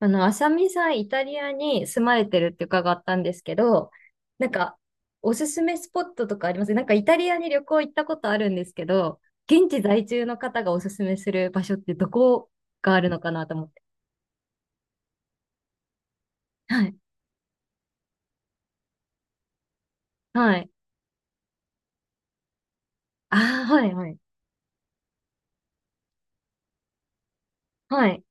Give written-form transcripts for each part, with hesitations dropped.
あさみさん、イタリアに住まれてるって伺ったんですけど、なんか、おすすめスポットとかあります？なんか、イタリアに旅行行ったことあるんですけど、現地在住の方がおすすめする場所ってどこがあるのかなと思って。はい。はい。ああ、はい、はい。はい。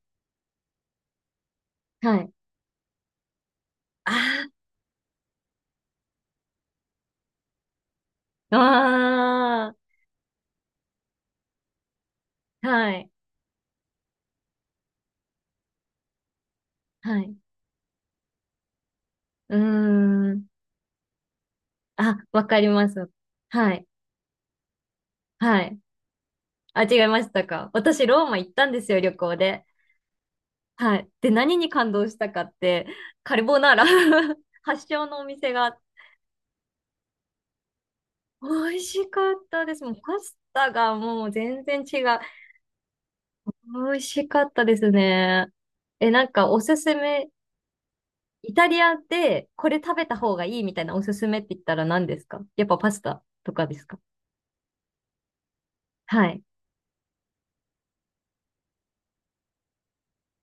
はい。ああ、ああ、はい。はい。うーん。あ、わかります。はい。はい。あ、違いましたか。私、ローマ行ったんですよ、旅行で。はい。で、何に感動したかって、カルボナーラ 発祥のお店が美味しかったです。もうパスタがもう全然違う。美味しかったですね。え、なんかおすすめ、イタリアでこれ食べた方がいいみたいなおすすめって言ったら何ですか？やっぱパスタとかですか？はい。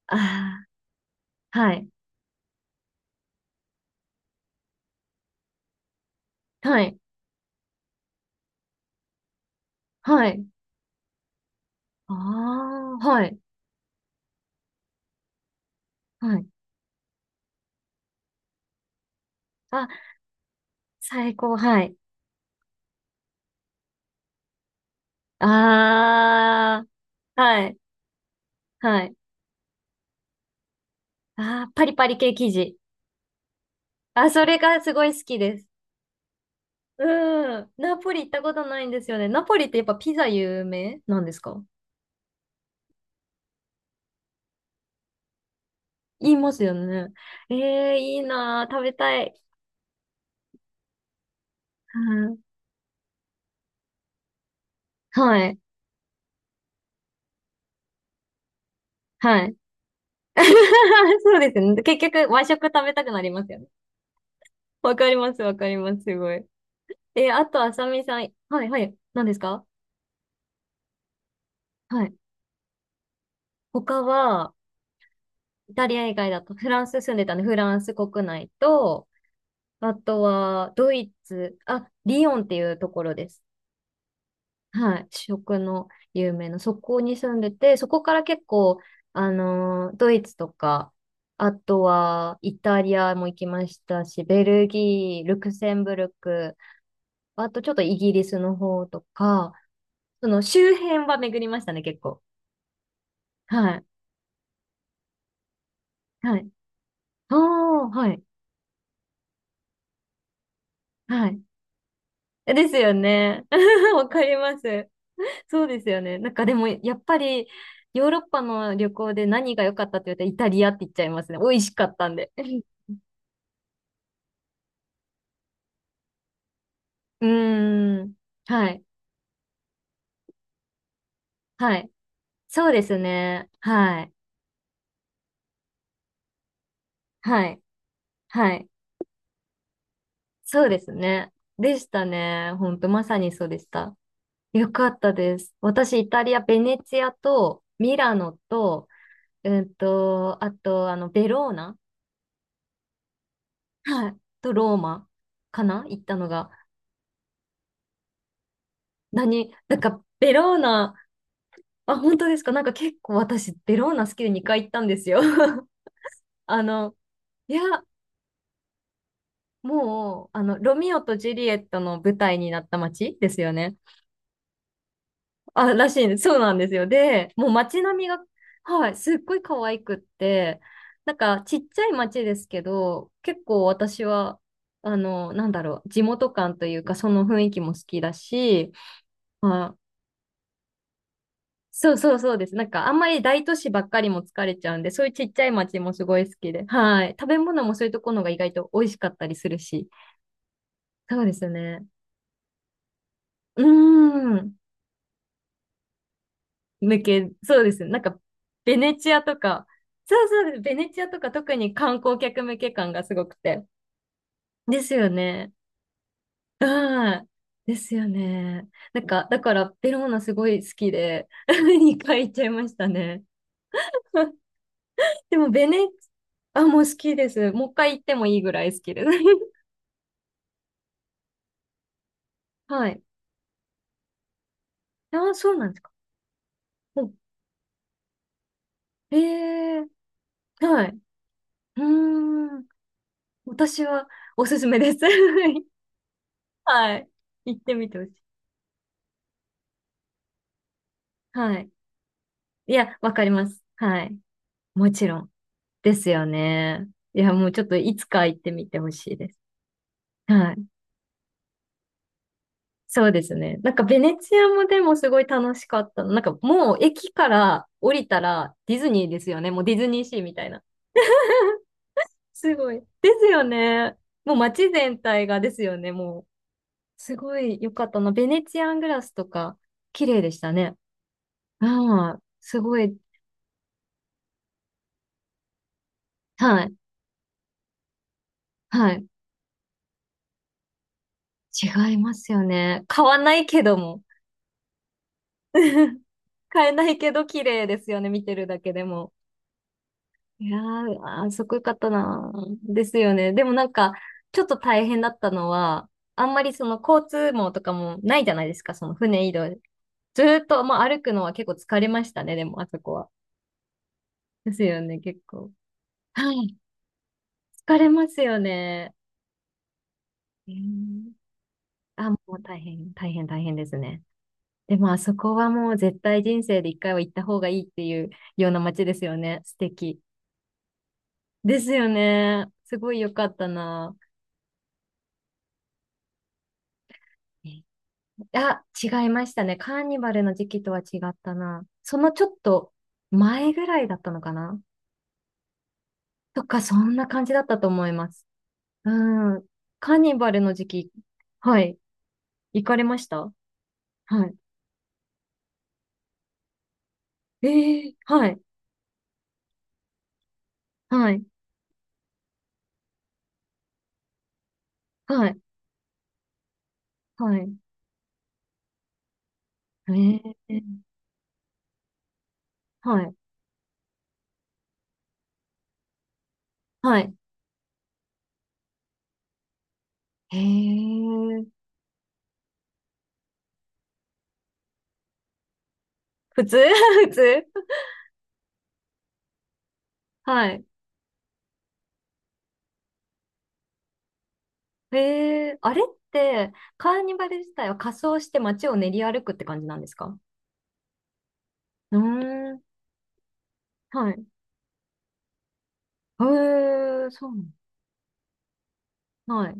ああ、はい。はい。はい。ああ、はい。はい。あ、最高。はい。ああ、はい。はい。ああ、パリパリ系生地。あ、それがすごい好きです。うん。ナポリ行ったことないんですよね。ナポリってやっぱピザ有名なんですか？言いますよね。ええ、いいなー、食べたい。うん、はい。はい。そうですね。結局、和食食べたくなりますよね。わかります、わかります、すごい。あと、あさみさん。はい、はい。何ですか？はい。他は、イタリア以外だと、フランス住んでたんで、フランス国内と、あとは、ドイツ、あ、リヨンっていうところです。はい。食の有名な、そこに住んでて、そこから結構、ドイツとか、あとは、イタリアも行きましたし、ベルギー、ルクセンブルク、あとちょっとイギリスの方とか、その周辺は巡りましたね、結構。はい。はい。ああ、はい。はい。ですよね。わかります。そうですよね。なんかでも、やっぱり、ヨーロッパの旅行で何が良かったって言ったらイタリアって言っちゃいますね。美味しかったんで。うーん。はい。はい。そうですね。はい。はい。はい。そうですね。でしたね。ほんと、まさにそうでした。よかったです。私、イタリア、ベネツィアと、ミラノと、あと、ベローナ、はい。と、ローマかな、行ったのが。何、なんか、ベローナ、あ、本当ですか？なんか結構私、ベローナ好きで2回行ったんですよ。あの、いや、もう、ロミオとジュリエットの舞台になった街ですよね。あ、らしいんです。そうなんですよ。で、もう街並みが、はい、すっごい可愛くって、なんか、ちっちゃい街ですけど、結構私は、地元感というか、その雰囲気も好きだし、まそうそうそうです。なんか、あんまり大都市ばっかりも疲れちゃうんで、そういうちっちゃい町もすごい好きで。はい。食べ物もそういうところが意外と美味しかったりするし。そうですよね。うーん。そうです。なんか、ベネチアとか、そうそうです。ベネチアとか特に観光客向け感がすごくて。ですよね。はい。ですよね。なんか、だから、ベローナすごい好きで、2回行っちゃいましたね。でも、あ、もう好きです。もう一回行ってもいいぐらい好きです。はい。あ、そうなんですか。もう、えー、はい。うーん。私はおすすめです。はい。行ってみてほしい。はい。いや、わかります。はい。もちろん。ですよね。いや、もうちょっといつか行ってみてほしいです。はい。そうですね。なんかベネチアもでもすごい楽しかったの。なんかもう駅から降りたらディズニーですよね。もうディズニーシーみたいな。すごい。ですよね。もう街全体がですよね。もう、すごい良かったな。ベネチアングラスとか、綺麗でしたね。ああ、すごい。はい。はい。違いますよね。買わないけども。買えないけど綺麗ですよね。見てるだけでも。いやー、あー、すごい良かったな。ですよね。でもなんか、ちょっと大変だったのは、あんまりその交通網とかもないじゃないですか。その船移動。ずーっと、まあ、歩くのは結構疲れましたね、でも、あそこは。ですよね、結構。はい。疲れますよね。えーあ、もう大変、大変、大変ですね。でも、まあそこはもう絶対人生で一回は行った方がいいっていうような街ですよね。素敵。ですよね。すごい良かったな。えあ、違いましたね。カーニバルの時期とは違ったな。そのちょっと前ぐらいだったのかな、とか、そんな感じだったと思います。うん。カーニバルの時期、はい。行かれました？はい。ええ、はい、はい、はい、はい。ええ、はい、はい。ええ、普通 普通。はい。ええ、あれって、カーニバル自体は仮装して街を練り歩くって感じなんですか？うーん、はい。ええ、そうなん。はい、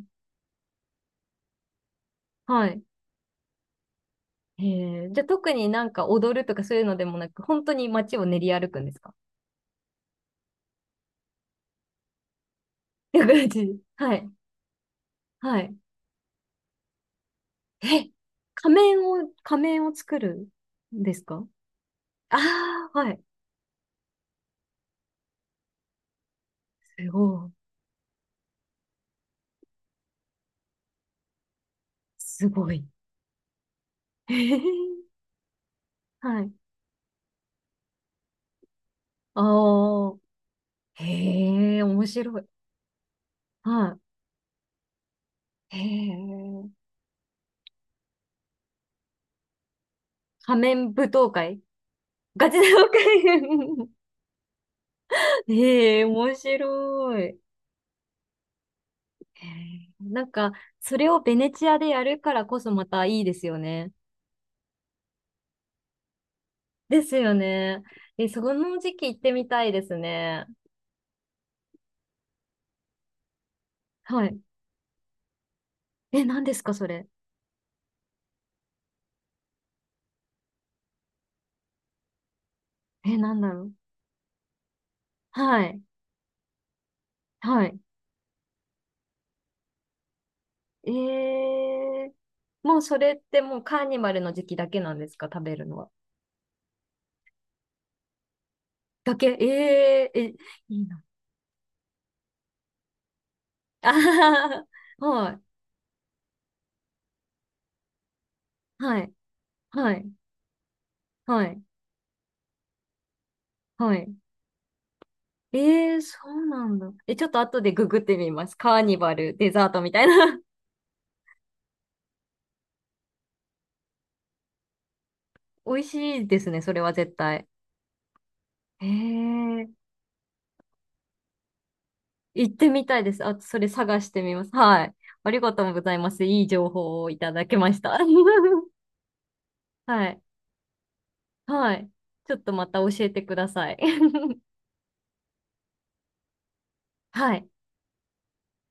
はい。ええ、じゃあ特になんか踊るとかそういうのでもなく、本当に街を練り歩くんですか？ っていう感じ。はい、はい。え、仮面を作るんですか？ああ、はい。すごい。すごい。へえ、はい。ああ、へえ、面白い。はい。へえ、仮面舞踏会。ガチ舞踏会。 へえ、面白い。へえ、なんか、それをベネチアでやるからこそまたいいですよね。ですよね。え、その時期行ってみたいですね。はい。え、何ですか、それ。え、なんだろう。はい。はい。ええ、もうそれってもうカーニバルの時期だけなんですか、食べるのは。だけ、えええ、いいな。あはは、はい、はい、はい、はい。ええ、そうなんだ。え、ちょっと後でググってみます。カーニバル、デザートみたいな。美味しいですね、それは絶対。ええ、行ってみたいです。あ、それ探してみます。はい。ありがとうございます。いい情報をいただきました。はい。はい。ちょっとまた教えてください。はい。